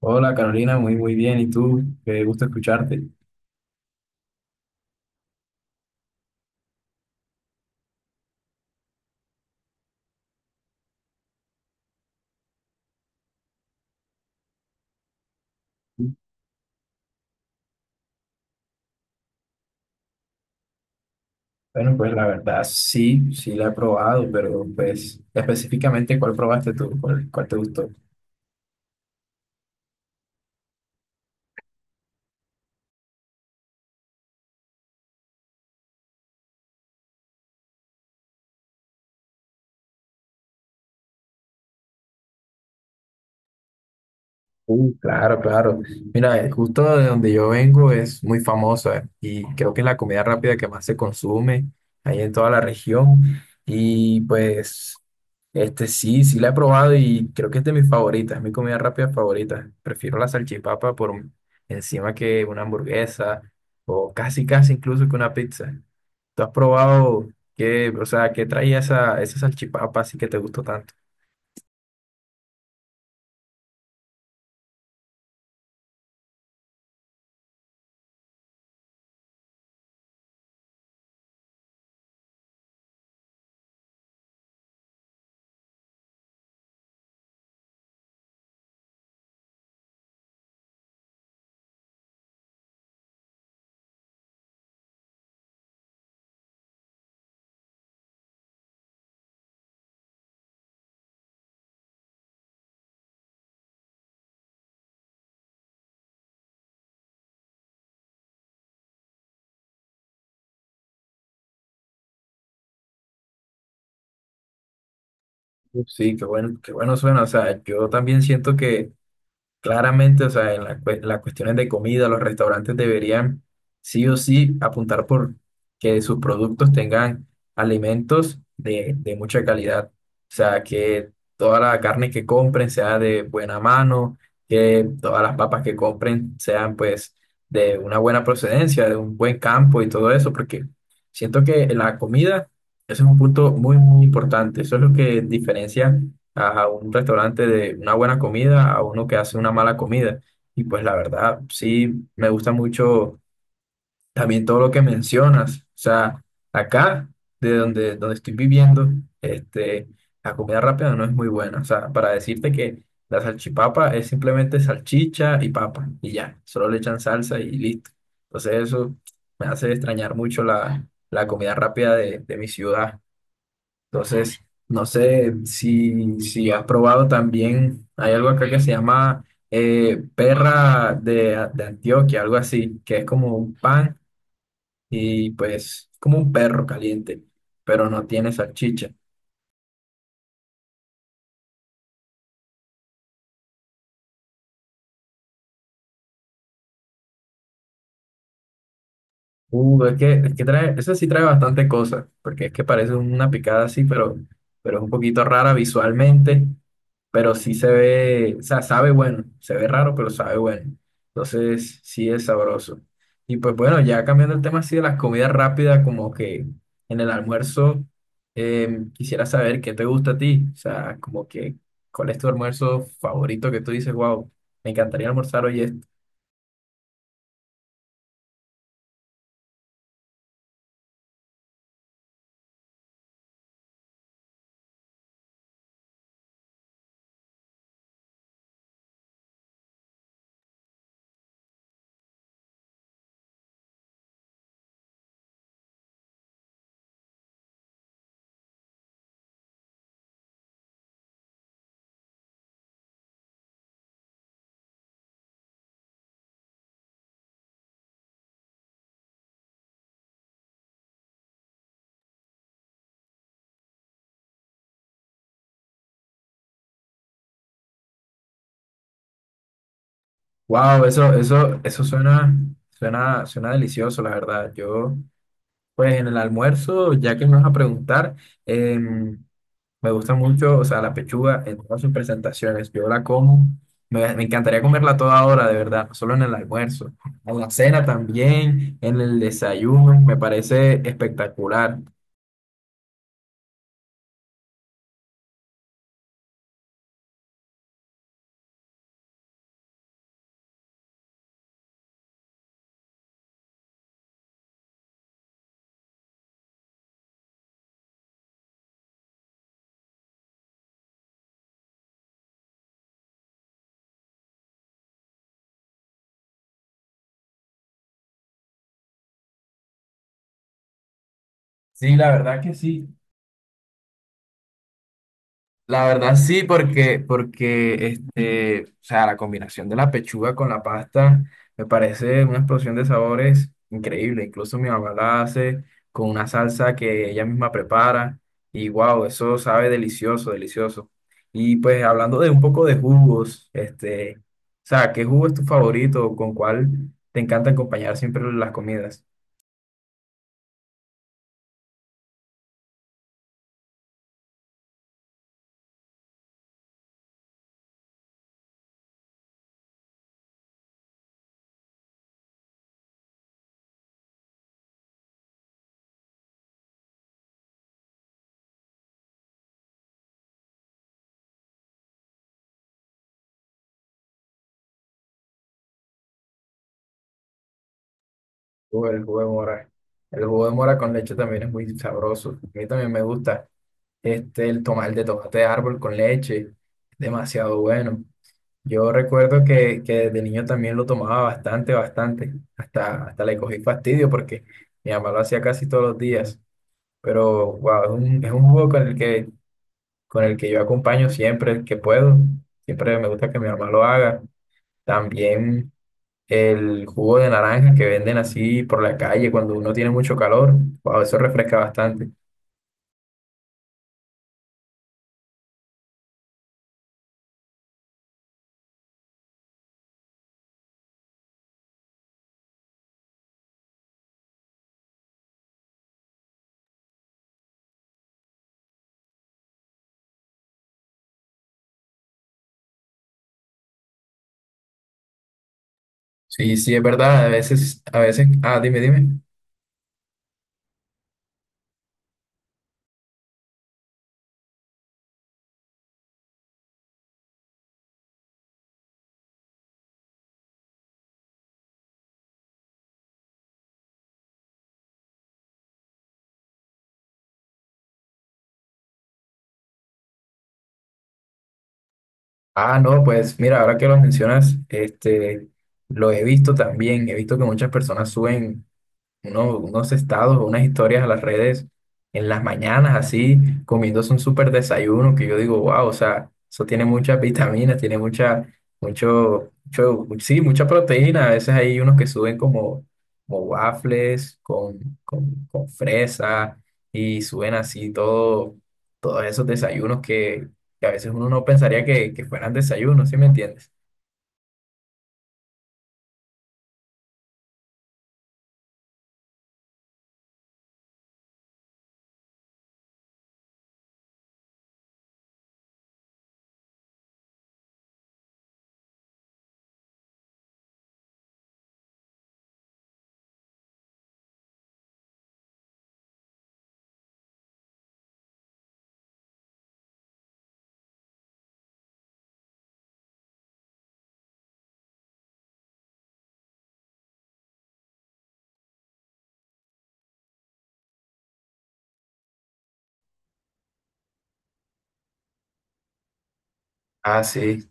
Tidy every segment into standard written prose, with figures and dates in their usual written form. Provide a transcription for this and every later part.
Hola Carolina, muy muy bien. ¿Y tú? Qué gusto escucharte. Bueno, pues la verdad sí, sí la he probado, pero pues específicamente ¿cuál probaste tú? ¿Cuál te gustó? Claro, claro. Mira, justo de donde yo vengo es muy famosa y creo que es la comida rápida que más se consume ahí en toda la región. Y pues este, sí, sí la he probado y creo que es de mis favoritas, es mi comida rápida favorita. Prefiero la salchipapa encima que una hamburguesa o casi casi incluso que una pizza. ¿Tú has probado qué, o sea, qué traía esa salchipapa así que te gustó tanto? Uf, sí, qué bueno suena. O sea, yo también siento que claramente, o sea, en las cuestiones de comida, los restaurantes deberían sí o sí apuntar por que sus productos tengan alimentos de mucha calidad. O sea, que toda la carne que compren sea de buena mano, que todas las papas que compren sean pues de una buena procedencia, de un buen campo y todo eso, porque siento que la comida, eso es un punto muy, muy importante. Eso es lo que diferencia a un restaurante de una buena comida a uno que hace una mala comida. Y pues la verdad, sí, me gusta mucho también todo lo que mencionas. O sea, acá, de donde, donde estoy viviendo, este, la comida rápida no es muy buena. O sea, para decirte que la salchipapa es simplemente salchicha y papa y ya, solo le echan salsa y listo. Entonces eso me hace extrañar mucho la comida rápida de mi ciudad. Entonces, no sé si, si has probado también, hay algo acá que se llama perra de Antioquia, algo así, que es como un pan y pues como un perro caliente, pero no tiene salchicha. Es que trae, eso sí trae bastante cosas, porque es que parece una picada así, pero es un poquito rara visualmente, pero sí se ve, o sea, sabe bueno, se ve raro, pero sabe bueno. Entonces, sí es sabroso. Y pues bueno, ya cambiando el tema así de las comidas rápidas, como que en el almuerzo, quisiera saber qué te gusta a ti, o sea, como que, ¿cuál es tu almuerzo favorito que tú dices, wow, me encantaría almorzar hoy? Wow, eso suena, suena, suena delicioso, la verdad. Yo, pues en el almuerzo, ya que me vas a preguntar, em, me gusta mucho, o sea, la pechuga en todas sus presentaciones. Yo la como, me encantaría comerla a toda hora, de verdad, no solo en el almuerzo, en la cena también, en el desayuno, me parece espectacular. Sí, la verdad que sí. La verdad sí, porque, porque este, o sea, la combinación de la pechuga con la pasta me parece una explosión de sabores increíble. Incluso mi mamá la hace con una salsa que ella misma prepara y wow, eso sabe delicioso, delicioso. Y pues hablando de un poco de jugos, este, o sea, ¿qué jugo es tu favorito? ¿Con cuál te encanta acompañar siempre las comidas? El jugo de mora. El jugo de mora con leche también es muy sabroso. A mí también me gusta. Este, el tomar de tomate de árbol con leche, demasiado bueno. Yo recuerdo que de niño también lo tomaba bastante, bastante. Hasta, hasta le cogí fastidio porque mi mamá lo hacía casi todos los días. Pero wow, es un jugo con el que yo acompaño siempre que puedo. Siempre me gusta que mi mamá lo haga. También el jugo de naranja que venden así por la calle cuando uno tiene mucho calor. Wow, eso refresca bastante. Sí, sí, es verdad. A veces, ah, dime, dime. Ah, no, pues mira, ahora que lo mencionas, este, lo he visto también, he visto que muchas personas suben unos estados o unas historias a las redes en las mañanas, así, comiéndose un súper desayuno, que yo digo, wow, o sea, eso tiene muchas vitaminas, tiene mucha, mucho, mucho, sí, mucha proteína. A veces hay unos que suben como, como waffles con fresa y suben así todo, todos esos desayunos que a veces uno no pensaría que fueran desayunos, ¿sí me entiendes? Ah, sí.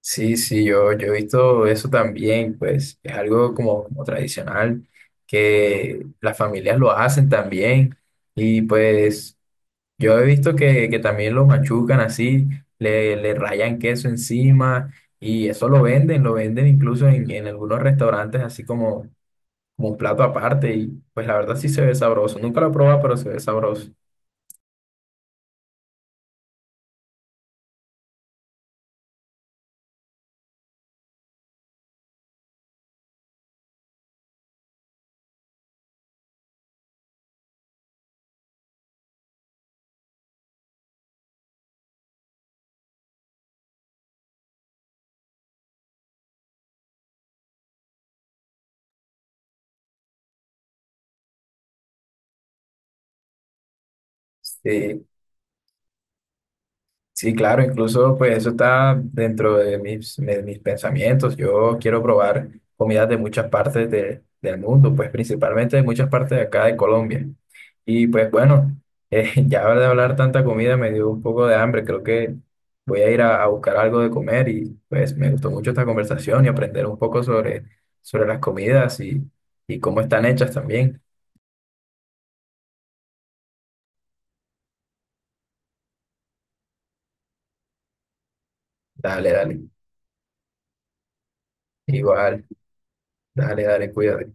Sí, sí, yo he visto eso también, pues es algo como, como tradicional que las familias lo hacen también y pues yo he visto que también lo machucan así, le rayan queso encima y eso lo venden incluso en algunos restaurantes así como, como un plato aparte y pues la verdad sí se ve sabroso, nunca lo he probado pero se ve sabroso. Sí. Sí, claro, incluso pues eso está dentro de mis pensamientos. Yo quiero probar comidas de muchas partes del mundo, pues principalmente de muchas partes de acá de Colombia. Y pues bueno, ya de hablar tanta comida me dio un poco de hambre. Creo que voy a ir a buscar algo de comer y pues me gustó mucho esta conversación y aprender un poco sobre, sobre las comidas y cómo están hechas también. Dale, dale. Igual, dale, dale, cuídate.